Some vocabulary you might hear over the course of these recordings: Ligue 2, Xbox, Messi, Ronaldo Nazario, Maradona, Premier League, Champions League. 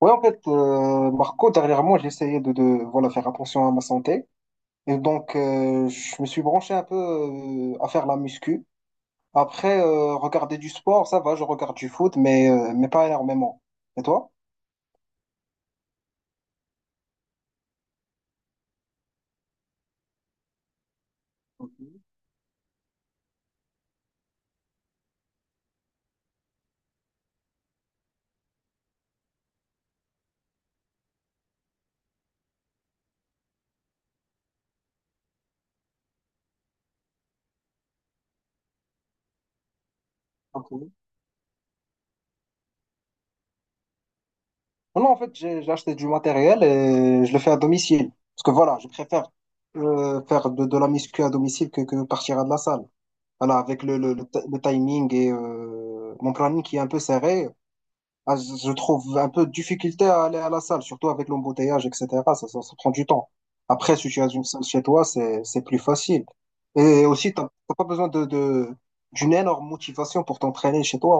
Oui en fait, Marco, dernièrement, j'ai essayé de voilà, faire attention à ma santé. Et donc, je me suis branché un peu à faire la muscu. Après, regarder du sport, ça va, je regarde du foot, mais pas énormément. Et toi? Ok, ok. Non, non, en fait, j'ai acheté du matériel et je le fais à domicile. Parce que voilà, je préfère faire de la muscu à domicile que partir à de la salle. Voilà, avec le timing et mon planning qui est un peu serré. Ah, je trouve un peu de difficulté à aller à la salle, surtout avec l'embouteillage, etc. Ça prend du temps. Après, si tu as une salle chez toi, c'est plus facile. Et aussi, t'as pas besoin d'une énorme motivation pour t'entraîner chez toi.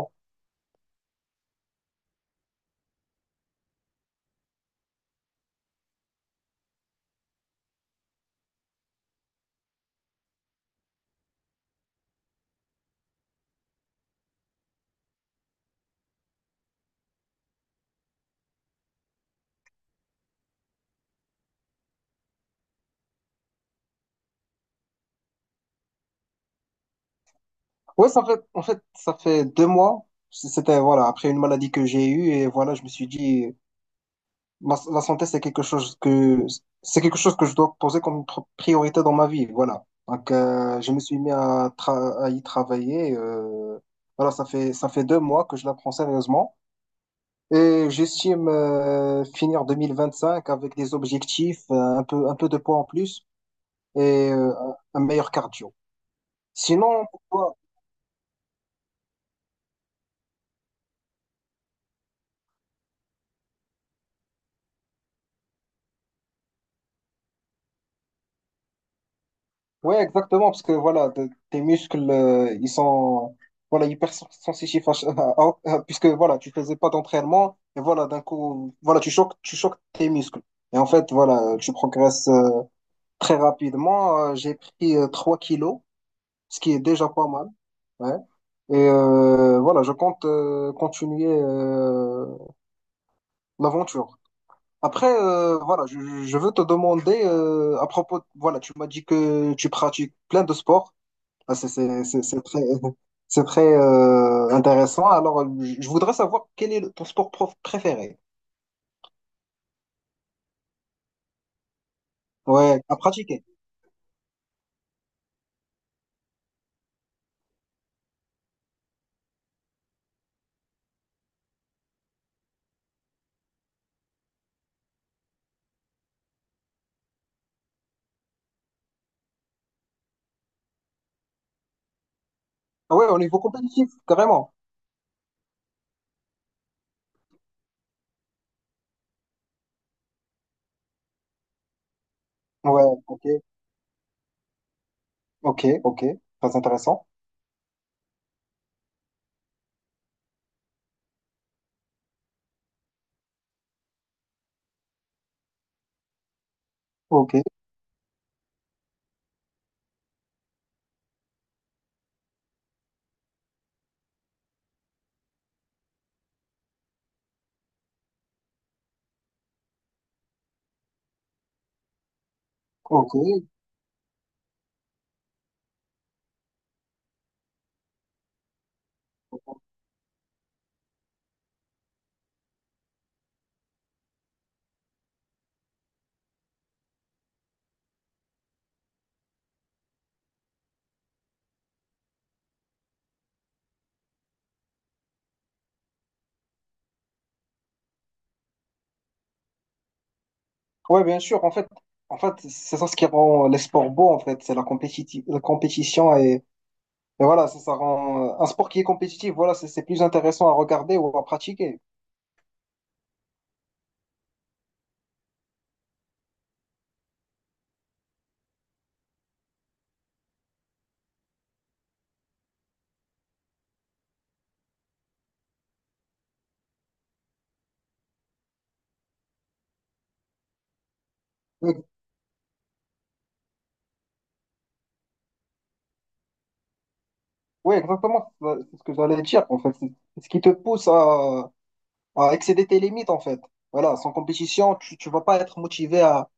Ouais, ça fait, en fait, ça fait deux mois. C'était, voilà, après une maladie que j'ai eue, et voilà, je me suis dit, la santé, c'est quelque chose que je dois poser comme priorité dans ma vie, voilà. Donc, je me suis mis à y travailler. Voilà, ça fait deux mois que je la prends sérieusement et j'estime finir 2025 avec des objectifs, un peu de poids en plus et un meilleur cardio. Sinon, pourquoi? Ouais, exactement, parce que voilà, tes muscles, ils sont voilà, hyper sensitifs, puisque voilà, tu faisais pas d'entraînement, et voilà, d'un coup, voilà, tu choques tes muscles. Et en fait, voilà, tu progresses très rapidement. J'ai pris 3 kilos, ce qui est déjà pas mal. Ouais. Et voilà, je compte continuer l'aventure. Après, voilà, je veux te demander à propos, voilà, tu m'as dit que tu pratiques plein de sports. Ah, c'est c'est très intéressant. Alors, je voudrais savoir quel est ton sport prof préféré. Ouais, à pratiquer. Ah ouais, au niveau compétitif, carrément. Ouais, ok, ok, ok. Très intéressant. Ok, ok. Ouais, bien sûr. En fait, c'est ça ce qui rend les sports beaux, en fait. C'est la compétition, et voilà, ça rend un sport qui est compétitif. Voilà, c'est plus intéressant à regarder ou à pratiquer. Ouais, exactement. C'est ce que j'allais dire, en fait. C'est ce qui te pousse à excéder tes limites en fait. Voilà, sans compétition, tu ne vas pas être motivé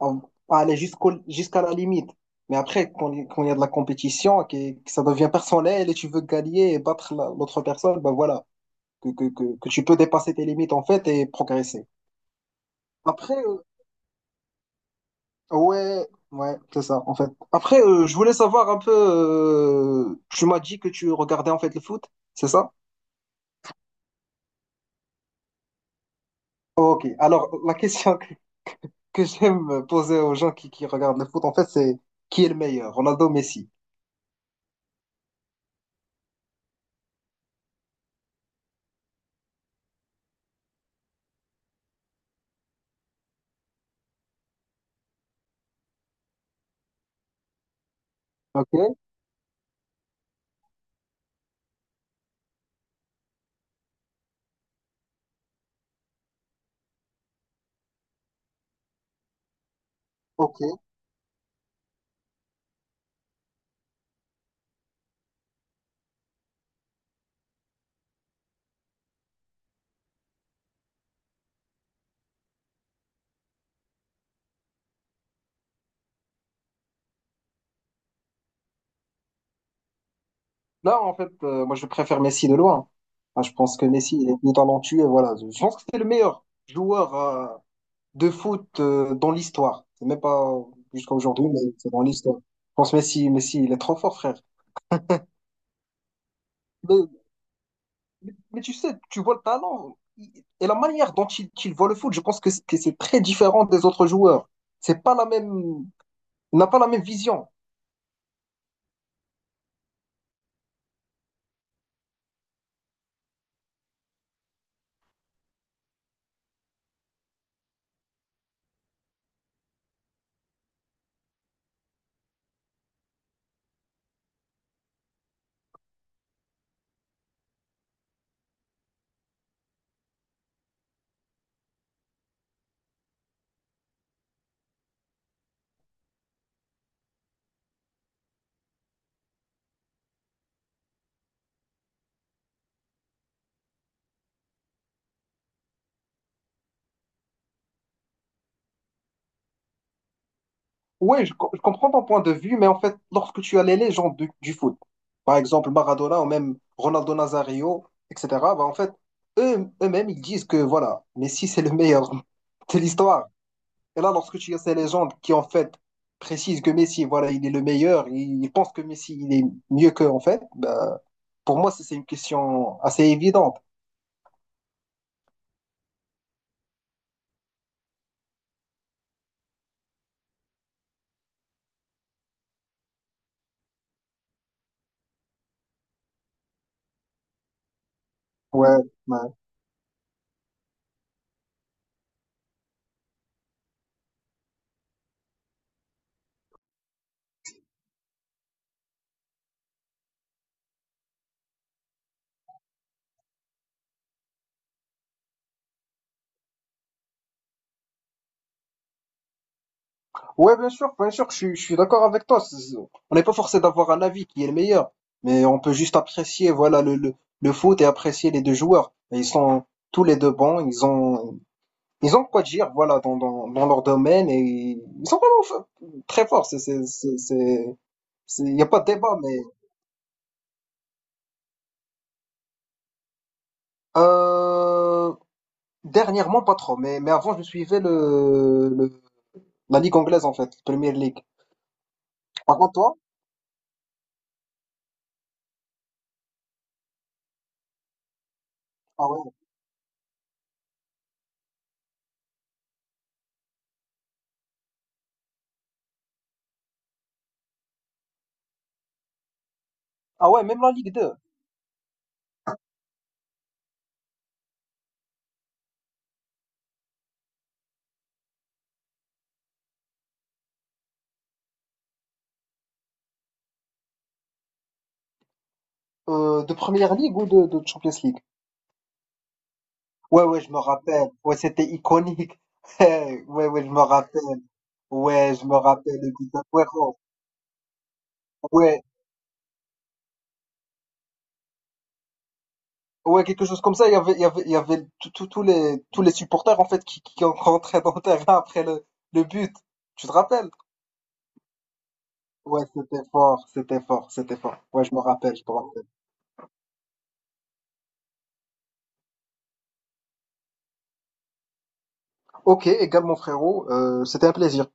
à- à aller jusqu'à la limite. Mais après, quand il y a de la compétition, que ça devient personnel et tu veux gagner et battre l'autre personne, ben voilà, que tu peux dépasser tes limites en fait et progresser. Après, ouais, ouais, c'est ça en fait. Après, je voulais savoir un peu, tu m'as dit que tu regardais en fait le foot, c'est ça? Ok, alors la question que j'aime poser aux gens qui regardent le foot, en fait, c'est qui est le meilleur, Ronaldo ou Messi? Ok, ok. Là, en fait, moi, je préfère Messi de loin. Enfin, je pense que Messi, il est plus talentueux. Voilà. Je pense que c'est le meilleur joueur de foot dans l'histoire. C'est même pas jusqu'à aujourd'hui, mais c'est dans l'histoire. Je pense que Messi, il est trop fort, frère. Mais tu sais, et la manière dont il, qu'il voit le foot, je pense que c'est très différent des autres joueurs. C'est pas la même, il n'a pas la même vision. Ouais, je comprends ton point de vue, mais en fait, lorsque tu as les légendes du foot, par exemple Maradona ou même Ronaldo Nazario, etc., bah en fait, eux-mêmes, ils disent que voilà, Messi, c'est le meilleur de l'histoire. Et là, lorsque tu as ces légendes qui, en fait, précisent que Messi, voilà, il est le meilleur, ils pensent que Messi, il est mieux qu'eux, en fait, bah, pour moi, c'est une question assez évidente. Ouais, ouais. Ouais, bien sûr, je suis d'accord avec toi. On n'est pas forcé d'avoir un avis qui est le meilleur, mais on peut juste apprécier, voilà, le foot et apprécier les deux joueurs. Et ils sont tous les deux bons, ils ont quoi dire, voilà, dans leur domaine et ils sont vraiment très forts. Il n'y a pas de débat, mais euh, dernièrement, pas trop. Mais avant, je suivais la Ligue anglaise, en fait, Premier League. Par contre, toi? Ah ouais, ah ouais, même la Ligue 2, de Première ligue ou de Champions League? Ouais, ouais, je me rappelle. Ouais, c'était iconique. Ouais, ouais, je me rappelle. Ouais, je me rappelle. Le but d'Aguero. Ouais, ouais, quelque chose comme ça. Il y avait tous les supporters, en fait, qui rentraient dans le terrain après le but. Tu te rappelles? Ouais, c'était fort. Ouais, je me rappelle. Ok, et Gab, mon frérot, c'était un plaisir.